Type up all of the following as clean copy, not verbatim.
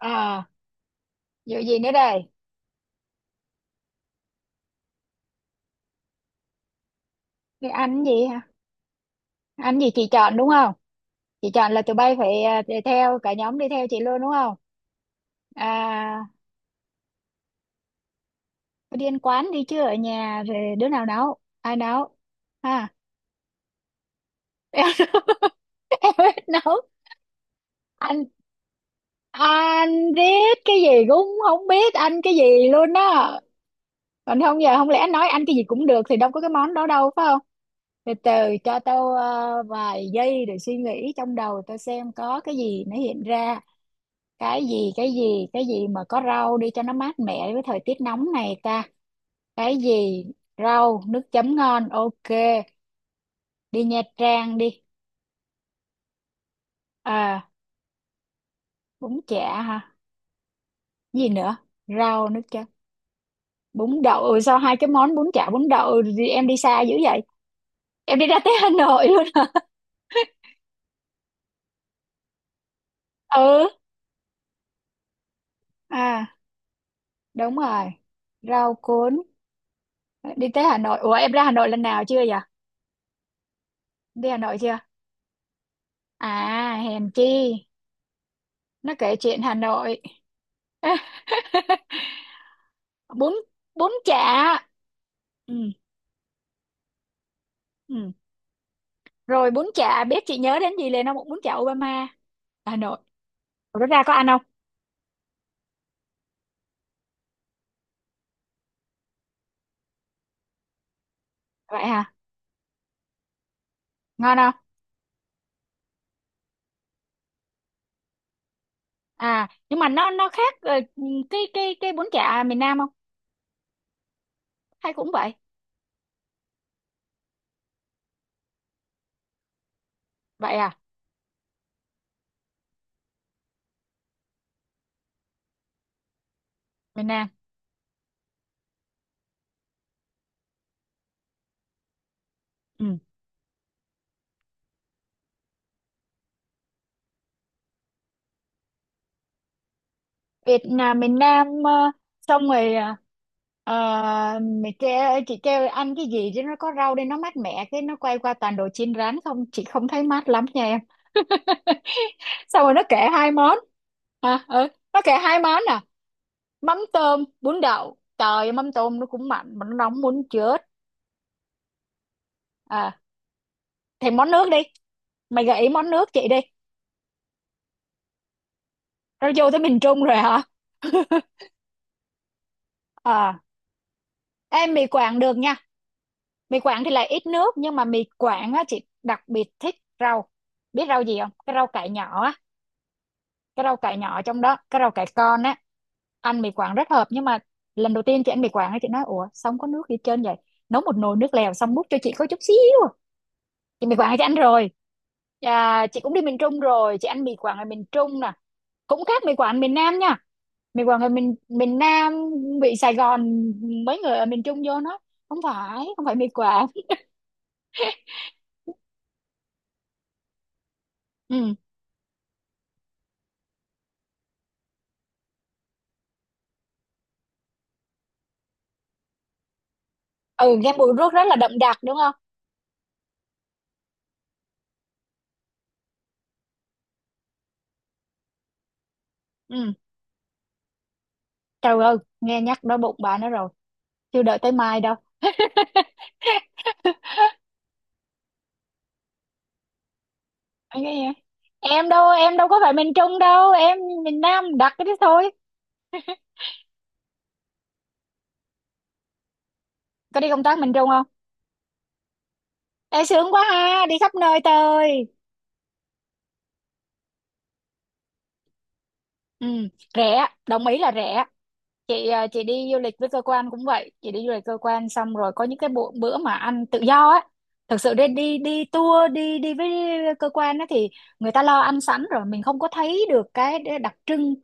À, vụ gì nữa đây? Cái anh gì hả? Anh gì chị chọn đúng không? Chị chọn là tụi bay phải, đi theo cả nhóm, đi theo chị luôn đúng không? À, đi ăn quán đi chứ ở nhà rồi đứa nào nấu, ai nấu? Ha. Em biết nấu. Anh anh biết cái gì cũng không biết, anh cái gì luôn á. Còn không, giờ không lẽ anh nói anh cái gì cũng được thì đâu có cái món đó đâu, phải không? Từ từ cho tao vài giây để suy nghĩ trong đầu tao xem có cái gì nó hiện ra. Cái gì mà có rau đi cho nó mát mẻ với thời tiết nóng này ta? Cái gì? Rau nước chấm ngon, ok. Đi Nha Trang đi. À, bún chả hả? Gì nữa? Rau nữa chứ. Bún đậu, sao hai cái món bún chả bún đậu thì em đi xa dữ vậy? Em đi ra tới Hà Nội luôn hả? Ừ. À, đúng rồi, rau cuốn. Đi tới Hà Nội. Ủa em ra Hà Nội lần nào chưa vậy? Đi Hà Nội chưa? À, hèn chi. Nó kể chuyện Hà Nội. bún Bún chả. Ừ, ừ. Rồi bún chả, biết chị nhớ đến gì liền không? Bún chả Obama. Hà Nội. Ủa, nó ra có ăn không? Vậy hả? Ngon không? À nhưng mà nó khác, cái bún chả miền Nam không? Hay cũng vậy? Vậy à. Miền Nam. Ừ. Việt là miền Nam, xong rồi, mày kêu chị kêu ăn cái gì chứ nó có rau đây nó mát mẻ, cái nó quay qua toàn đồ chiên rán không, chị không thấy mát lắm nha em. Xong rồi nó kể hai món. Nó kể hai món à? Mắm tôm bún đậu, trời ơi, mắm tôm nó cũng mặn mà nó nóng muốn chết. À thì món nước đi. Mày gợi ý món nước chị đi. Rồi vô tới miền Trung rồi hả? À em mì Quảng được nha. Mì Quảng thì lại ít nước nhưng mà mì Quảng á chị đặc biệt thích. Rau. Biết rau gì không? Cái rau cải nhỏ á. Cái rau cải nhỏ, trong đó cái rau cải con á, ăn mì Quảng rất hợp. Nhưng mà lần đầu tiên chị ăn mì Quảng á, chị nói ủa sao không có nước gì hết trơn vậy? Nấu một nồi nước lèo xong múc cho chị có chút xíu à. Chị mì Quảng chị ăn rồi. À, chị cũng đi miền Trung rồi, chị ăn mì Quảng ở miền Trung nè, cũng khác mì Quảng miền Nam nha. Mình vào người miền miền Nam, bị Sài Gòn. Mấy người ở miền Trung vô nó không phải mì quảng. Ừ. Ừ, nghe mùi nước rất là đậm đặc đúng không? Ừ. Trời ơi nghe nhắc đói bụng bà nó rồi, chưa đợi tới mai đâu. Anh cái gì? Em đâu có phải miền Trung đâu em, miền Nam đặc cái đó thôi. Có đi công tác miền Trung không? Ê sướng quá ha, đi khắp nơi tơi. Ừ, rẻ đồng ý là rẻ. Chị đi du lịch với cơ quan cũng vậy, chị đi du lịch cơ quan xong rồi có những cái bữa mà ăn tự do á. Thực sự đi đi đi tour đi đi với cơ quan á thì người ta lo ăn sẵn rồi mình không có thấy được cái đặc trưng.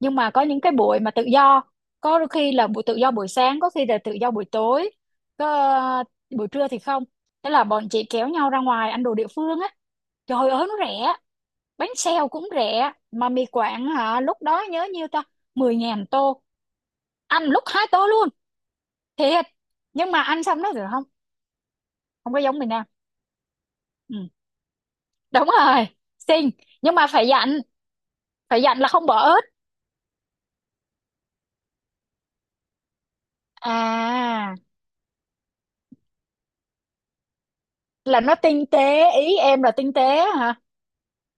Nhưng mà có những cái buổi mà tự do, có đôi khi là buổi tự do buổi sáng, có khi là tự do buổi tối, có, à, buổi trưa thì không. Thế là bọn chị kéo nhau ra ngoài ăn đồ địa phương á. Trời ơi nó rẻ. Bánh xèo cũng rẻ, mà mì Quảng hả, lúc đó nhớ nhiêu ta, 10.000 tô, ăn lúc hai tô luôn. Thiệt. Nhưng mà ăn xong nó rồi không, không có giống miền Nam. Ừ, đúng rồi. Xinh. Nhưng mà phải dặn, phải dặn là không bỏ ớt. À, là nó tinh tế, ý em là tinh tế hả?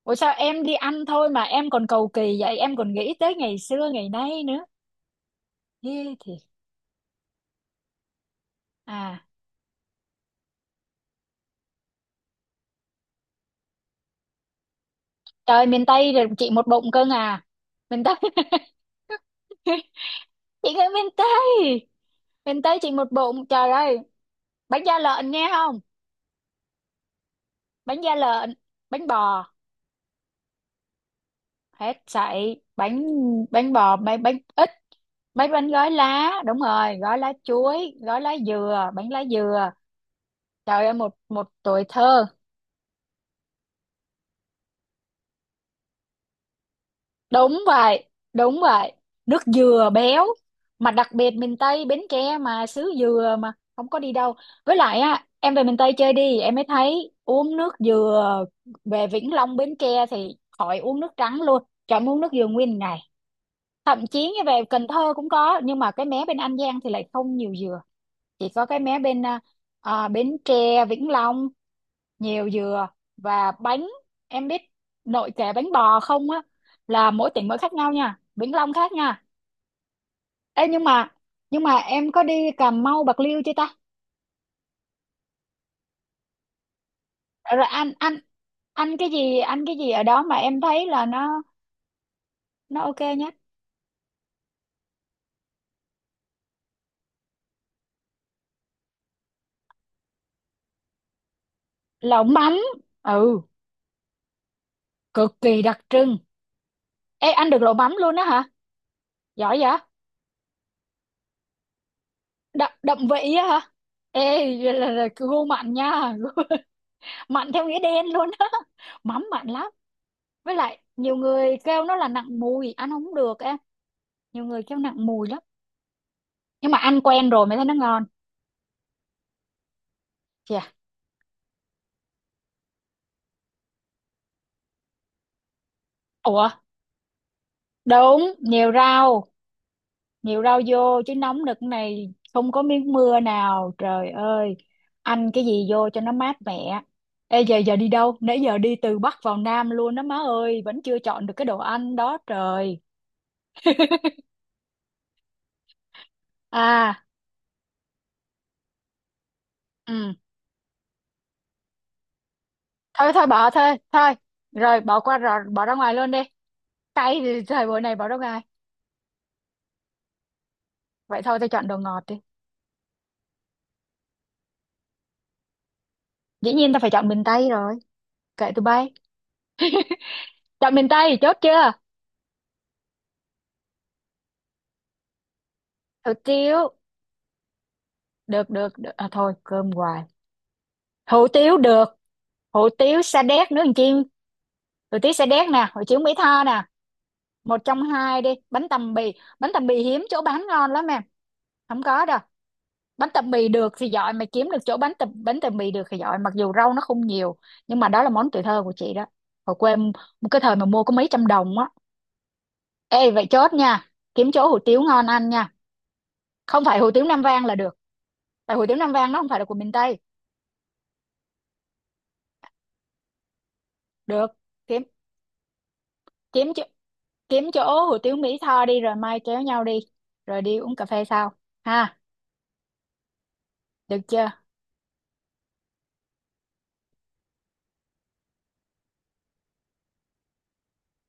Ủa sao em đi ăn thôi mà em còn cầu kỳ vậy, em còn nghĩ tới ngày xưa ngày nay nữa. Ê, thiệt. À trời, miền Tây rồi chị một bụng cưng à. Miền Tây. Chị người miền Tây. Miền Tây chị một bụng trời ơi. Bánh da lợn nghe không? Bánh da lợn, bánh bò, hết sậy bánh. Bánh bò, bánh bánh ít, bánh bánh gói lá, đúng rồi, gói lá chuối, gói lá dừa, bánh lá dừa. Trời ơi, một một tuổi thơ. Đúng vậy, đúng vậy. Nước dừa béo, mà đặc biệt miền Tây Bến Tre mà xứ dừa mà không có đi đâu. Với lại á, em về miền Tây chơi đi em mới thấy uống nước dừa. Về Vĩnh Long Bến Tre thì khỏi uống nước trắng luôn trời, em uống nước dừa nguyên ngày. Thậm chí như về Cần Thơ cũng có, nhưng mà cái mé bên An Giang thì lại không nhiều dừa. Chỉ có cái mé bên, Bến Tre Vĩnh Long nhiều dừa. Và bánh, em biết nội kệ bánh bò không á, là mỗi tỉnh mỗi khác nhau nha, Vĩnh Long khác nha. Ê, nhưng mà em có đi Cà Mau Bạc Liêu chưa ta? Rồi ăn, ăn cái gì, ăn cái gì ở đó mà em thấy là nó ok nhất? Lẩu mắm. Ừ, cực kỳ đặc trưng. Ê, ăn được lẩu mắm luôn á hả? Giỏi vậy. Đậm, đậm vị á hả? Ê, là gu mặn nha, mặn theo nghĩa đen luôn á. Mắm mặn lắm. Với lại nhiều người kêu nó là nặng mùi ăn không được em, nhiều người kêu nặng mùi lắm. Nhưng mà ăn quen rồi mới thấy nó ngon. Chà. Ủa, đúng, nhiều rau, nhiều rau vô chứ, nóng nực này không có miếng mưa nào trời ơi, ăn cái gì vô cho nó mát mẻ. Ê giờ giờ đi đâu? Nãy giờ đi từ Bắc vào Nam luôn đó má ơi, vẫn chưa chọn được cái đồ ăn đó trời. À, ừ. Thôi thôi bỏ thôi, thôi. Rồi bỏ qua rồi, bỏ ra ngoài luôn đi. Tay thì thời buổi này bỏ đâu ai. Vậy thôi tao chọn đồ ngọt đi. Dĩ nhiên tao phải chọn miền Tây rồi. Kệ tụi bay. Chọn miền Tây chốt chưa? Hủ tiếu. Được, được, được. À thôi cơm hoài. Hủ tiếu được. Hủ tiếu Sa Đéc nướng chiên. Hủ tiếu Sa Đéc nè. Hủ tiếu Mỹ Tho nè. Một trong hai đi. Bánh tằm bì. Bánh tằm bì hiếm chỗ bán ngon lắm em, không có đâu. Bánh tằm bì được thì giỏi. Mà kiếm được chỗ bánh tằm bì được thì giỏi. Mặc dù rau nó không nhiều, nhưng mà đó là món tuổi thơ của chị đó. Hồi quê em- một cái thời mà mua có mấy trăm đồng á. Ê vậy chốt nha, kiếm chỗ hủ tiếu ngon ăn nha. Không phải hủ tiếu Nam Vang là được, tại hủ tiếu Nam Vang nó không phải là của miền Tây. Được. Kiếm kiếm chỗ, kiếm chỗ hủ tiếu Mỹ Tho đi. Rồi mai kéo nhau đi, rồi đi uống cà phê sau. Ha. Được chưa?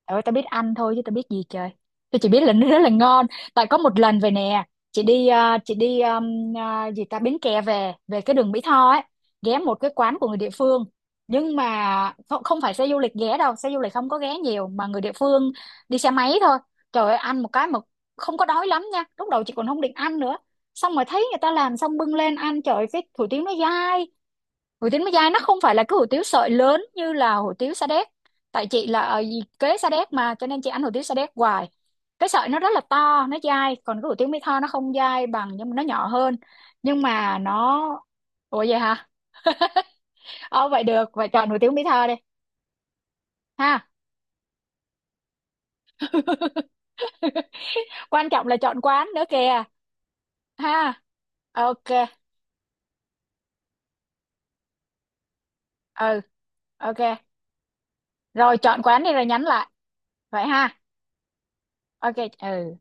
Trời ơi tao biết ăn thôi chứ tao biết gì trời. Tôi chỉ biết là nó rất là ngon. Tại có một lần về nè, chị đi gì ta, Bến Tre về về cái đường Mỹ Tho ấy, ghé một cái quán của người địa phương. Nhưng mà không, không phải xe du lịch ghé đâu, xe du lịch không có ghé nhiều mà người địa phương đi xe máy thôi. Trời ơi ăn một cái mà không có đói lắm nha, lúc đầu chị còn không định ăn nữa. Xong rồi thấy người ta làm xong bưng lên ăn, trời ơi, cái hủ tiếu nó dai. Hủ tiếu Mỹ Giai nó không phải là cái hủ tiếu sợi lớn như là hủ tiếu Sa Đéc, tại chị là ở kế Sa Đéc mà cho nên chị ăn hủ tiếu Sa Đéc hoài, cái sợi nó rất là to nó dai, còn cái hủ tiếu Mỹ Tho nó không dai bằng nhưng mà nó nhỏ hơn. Nhưng mà nó, ủa vậy hả? Ờ Vậy được, vậy chọn hủ tiếu Mỹ Tho đi. Ha. Quan trọng là chọn quán nữa kìa. Ha, ok. Ừ, ok. Rồi chọn quán đi rồi nhắn lại vậy ha. Ok, ừ.